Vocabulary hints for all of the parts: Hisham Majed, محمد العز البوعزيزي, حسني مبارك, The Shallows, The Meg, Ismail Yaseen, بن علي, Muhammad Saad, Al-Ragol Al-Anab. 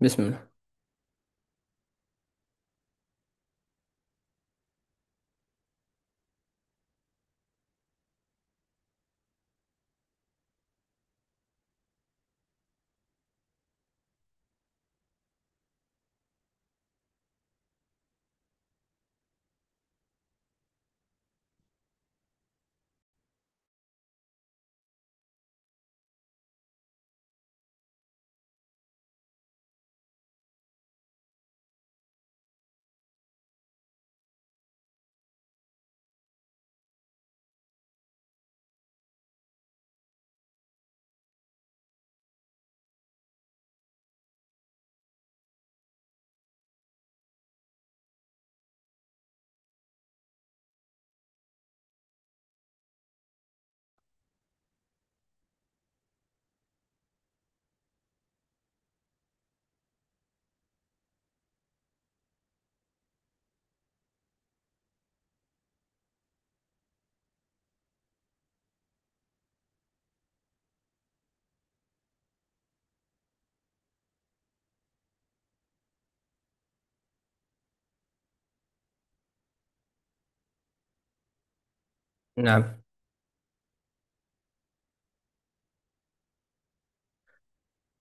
بسم الله. نعم.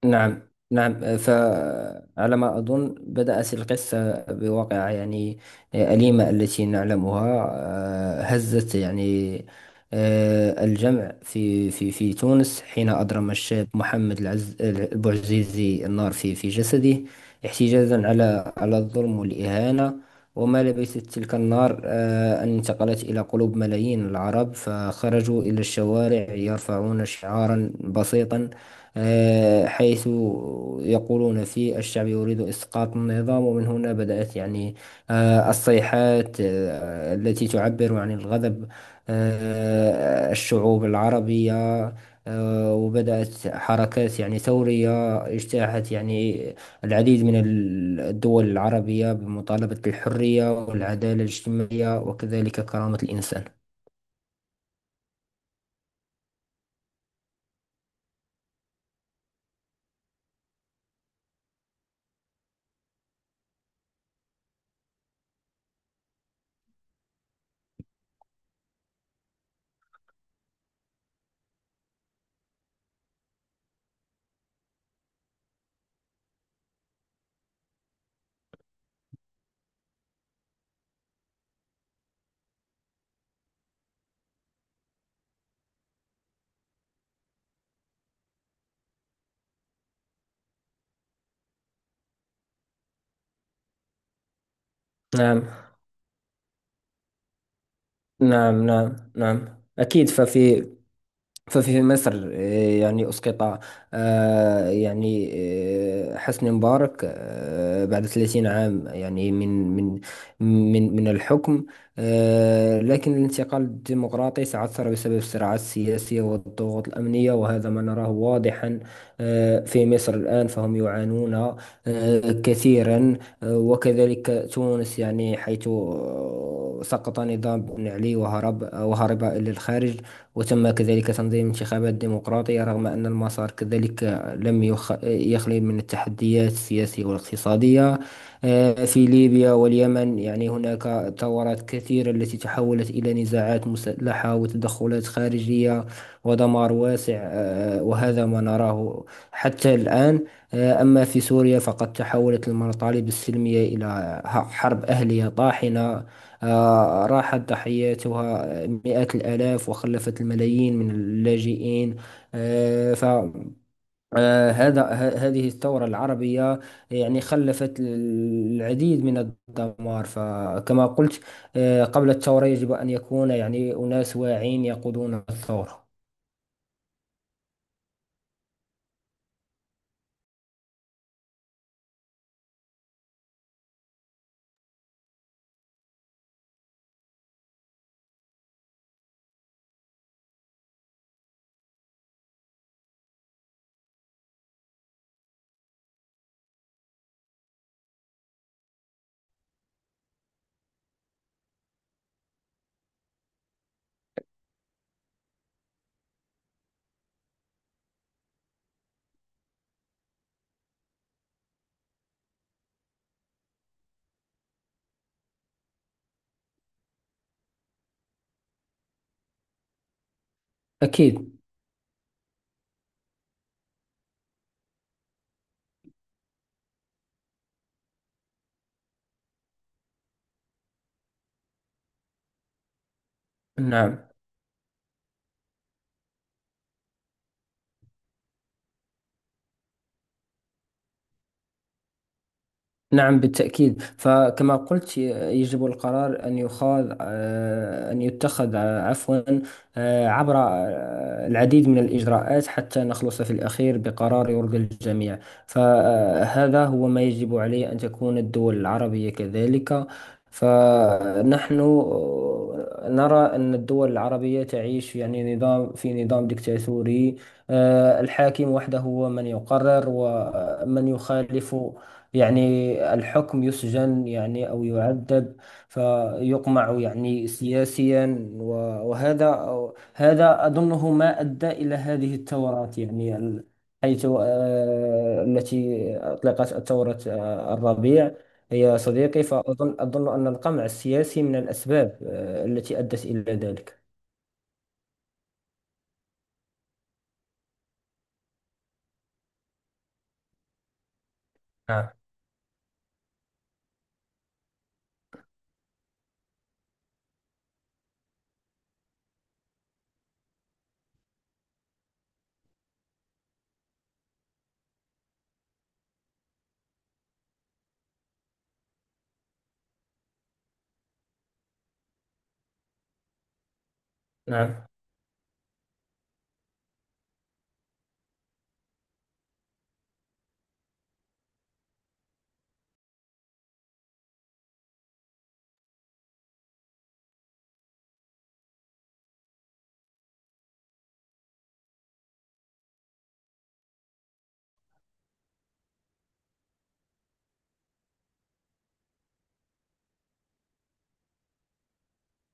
نعم. نعم، فعلى ما أظن بدأت القصة بواقعة أليمة التي نعلمها. هزت الجمع في تونس حين أضرم الشاب محمد العز البوعزيزي النار في جسده احتجاجا على الظلم والإهانة. وما لبثت تلك النار أن انتقلت إلى قلوب ملايين العرب، فخرجوا إلى الشوارع يرفعون شعارا بسيطا، حيث يقولون فيه: الشعب يريد إسقاط النظام. ومن هنا بدأت الصيحات التي تعبر عن الغضب، الشعوب العربية. وبدأت حركات ثورية اجتاحت العديد من الدول العربية بمطالبة الحرية والعدالة الاجتماعية وكذلك كرامة الإنسان. نعم. نعم. نعم. نعم، أكيد. ففي مصر، أسقط آه، يعني حسني مبارك بعد 30 عام من الحكم. لكن الانتقال الديمقراطي تعثر بسبب الصراعات السياسية والضغوط الأمنية، وهذا ما نراه واضحا في مصر الآن، فهم يعانون كثيرا. وكذلك تونس، حيث سقط نظام بن علي وهرب، إلى الخارج، وتم كذلك تنظيم انتخابات ديمقراطية، رغم أن المسار كذلك لم يخ... يخلو من التحديات السياسية والاقتصادية. في ليبيا واليمن هناك ثورات كثيرة التي تحولت إلى نزاعات مسلحة وتدخلات خارجية ودمار واسع، وهذا ما نراه حتى الآن. أما في سوريا فقد تحولت المطالب السلمية إلى حرب أهلية طاحنة، راحت ضحيتها مئات الآلاف وخلفت الملايين من اللاجئين. فهذا هذه الثورة العربية خلفت العديد من الدمار. فكما قلت، قبل الثورة يجب أن يكون أناس واعين يقودون الثورة. أكيد. نعم. نعم، بالتأكيد. فكما قلت، يجب القرار أن يخاض آه، أن يتخذ، عفوا، عبر العديد من الإجراءات حتى نخلص في الأخير بقرار يرضي الجميع. فهذا هو ما يجب عليه أن تكون الدول العربية كذلك. فنحن نرى أن الدول العربية تعيش نظام ديكتاتوري، الحاكم وحده هو من يقرر، ومن يخالف يعني الحكم يسجن أو يعذب، فيقمع سياسيا، وهذا أظنه ما أدى إلى هذه الثورات. حيث التي أطلقت ثورة الربيع يا صديقي. أظن أن القمع السياسي من الأسباب التي أدت إلى ذلك. نعم. نعم،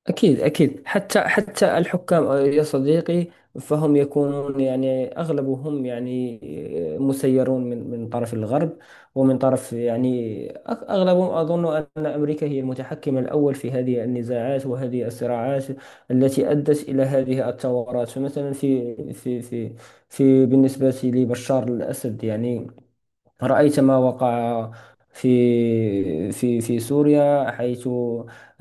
أكيد. أكيد حتى، الحكام يا صديقي فهم يكونون أغلبهم، مسيرون من طرف الغرب، ومن طرف، أغلبهم أظن أن أمريكا هي المتحكم الأول في هذه النزاعات وهذه الصراعات التي أدت إلى هذه الثورات. فمثلا في بالنسبة لبشار الأسد، رأيت ما وقع في سوريا، حيث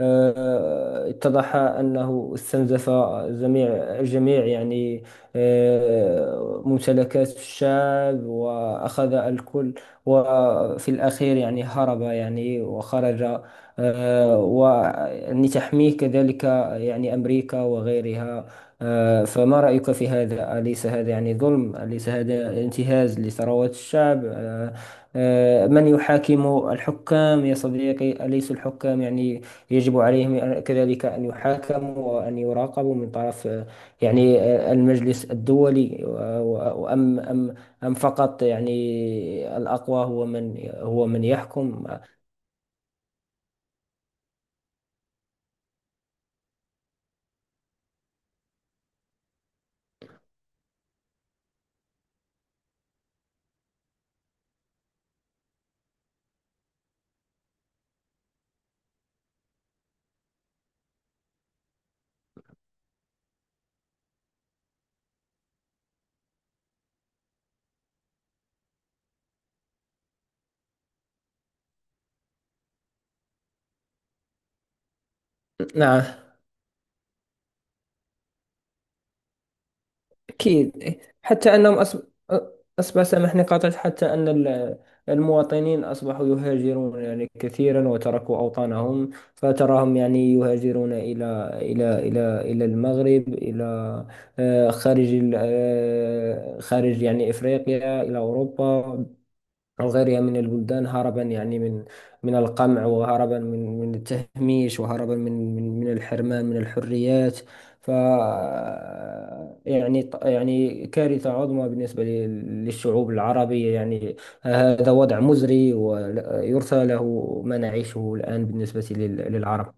اتضح أنه استنزف جميع ممتلكات الشعب وأخذ الكل، وفي الأخير هرب وخرج، تحميه كذلك أمريكا وغيرها. فما رأيك في هذا؟ أليس هذا ظلم؟ أليس هذا انتهاز لثروات الشعب؟ من يحاكم الحكام يا صديقي؟ أليس الحكام يجب عليهم كذلك أن يحاكموا وأن يراقبوا من طرف المجلس الدولي؟ وأم أم أم فقط الأقوى هو من يحكم؟ نعم، أكيد. إيه، حتى أنهم أصبح، سامحني قاطعت، حتى أن المواطنين أصبحوا يهاجرون كثيرا، وتركوا أوطانهم. فتراهم يهاجرون إلى المغرب، إلى آه، خارج ال- آه، خارج إفريقيا، إلى أوروبا أو غيرها من البلدان، هربا من القمع، وهربا من التهميش، وهربا من الحرمان من الحريات. ف يعني يعني كارثة عظمى بالنسبة للشعوب العربية. هذا وضع مزري ويرثى له ما نعيشه الآن بالنسبة للعرب.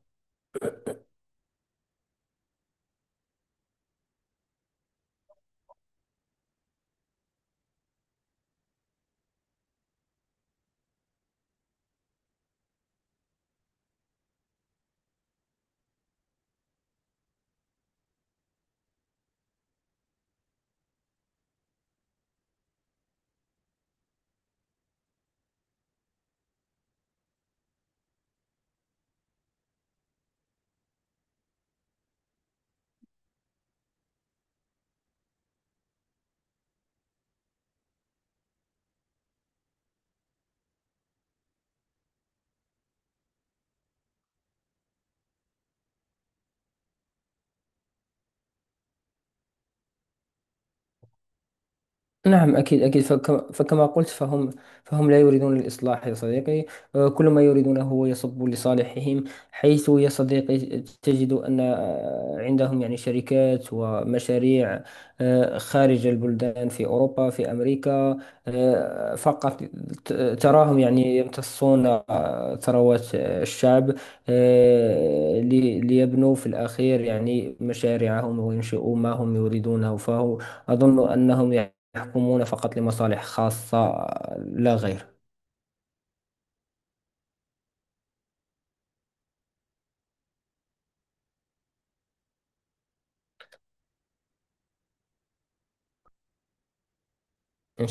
نعم، أكيد. أكيد، فكما قلت، فهم لا يريدون الإصلاح يا صديقي. كل ما يريدونه هو يصب لصالحهم، حيث يا صديقي تجد أن عندهم شركات ومشاريع خارج البلدان، في أوروبا، في أمريكا. فقط تراهم يمتصون ثروات الشعب، ليبنوا في الأخير مشاريعهم وينشئوا ما هم يريدونه. فهو أظن أنهم يحكمون فقط لمصالح خاصة لا غير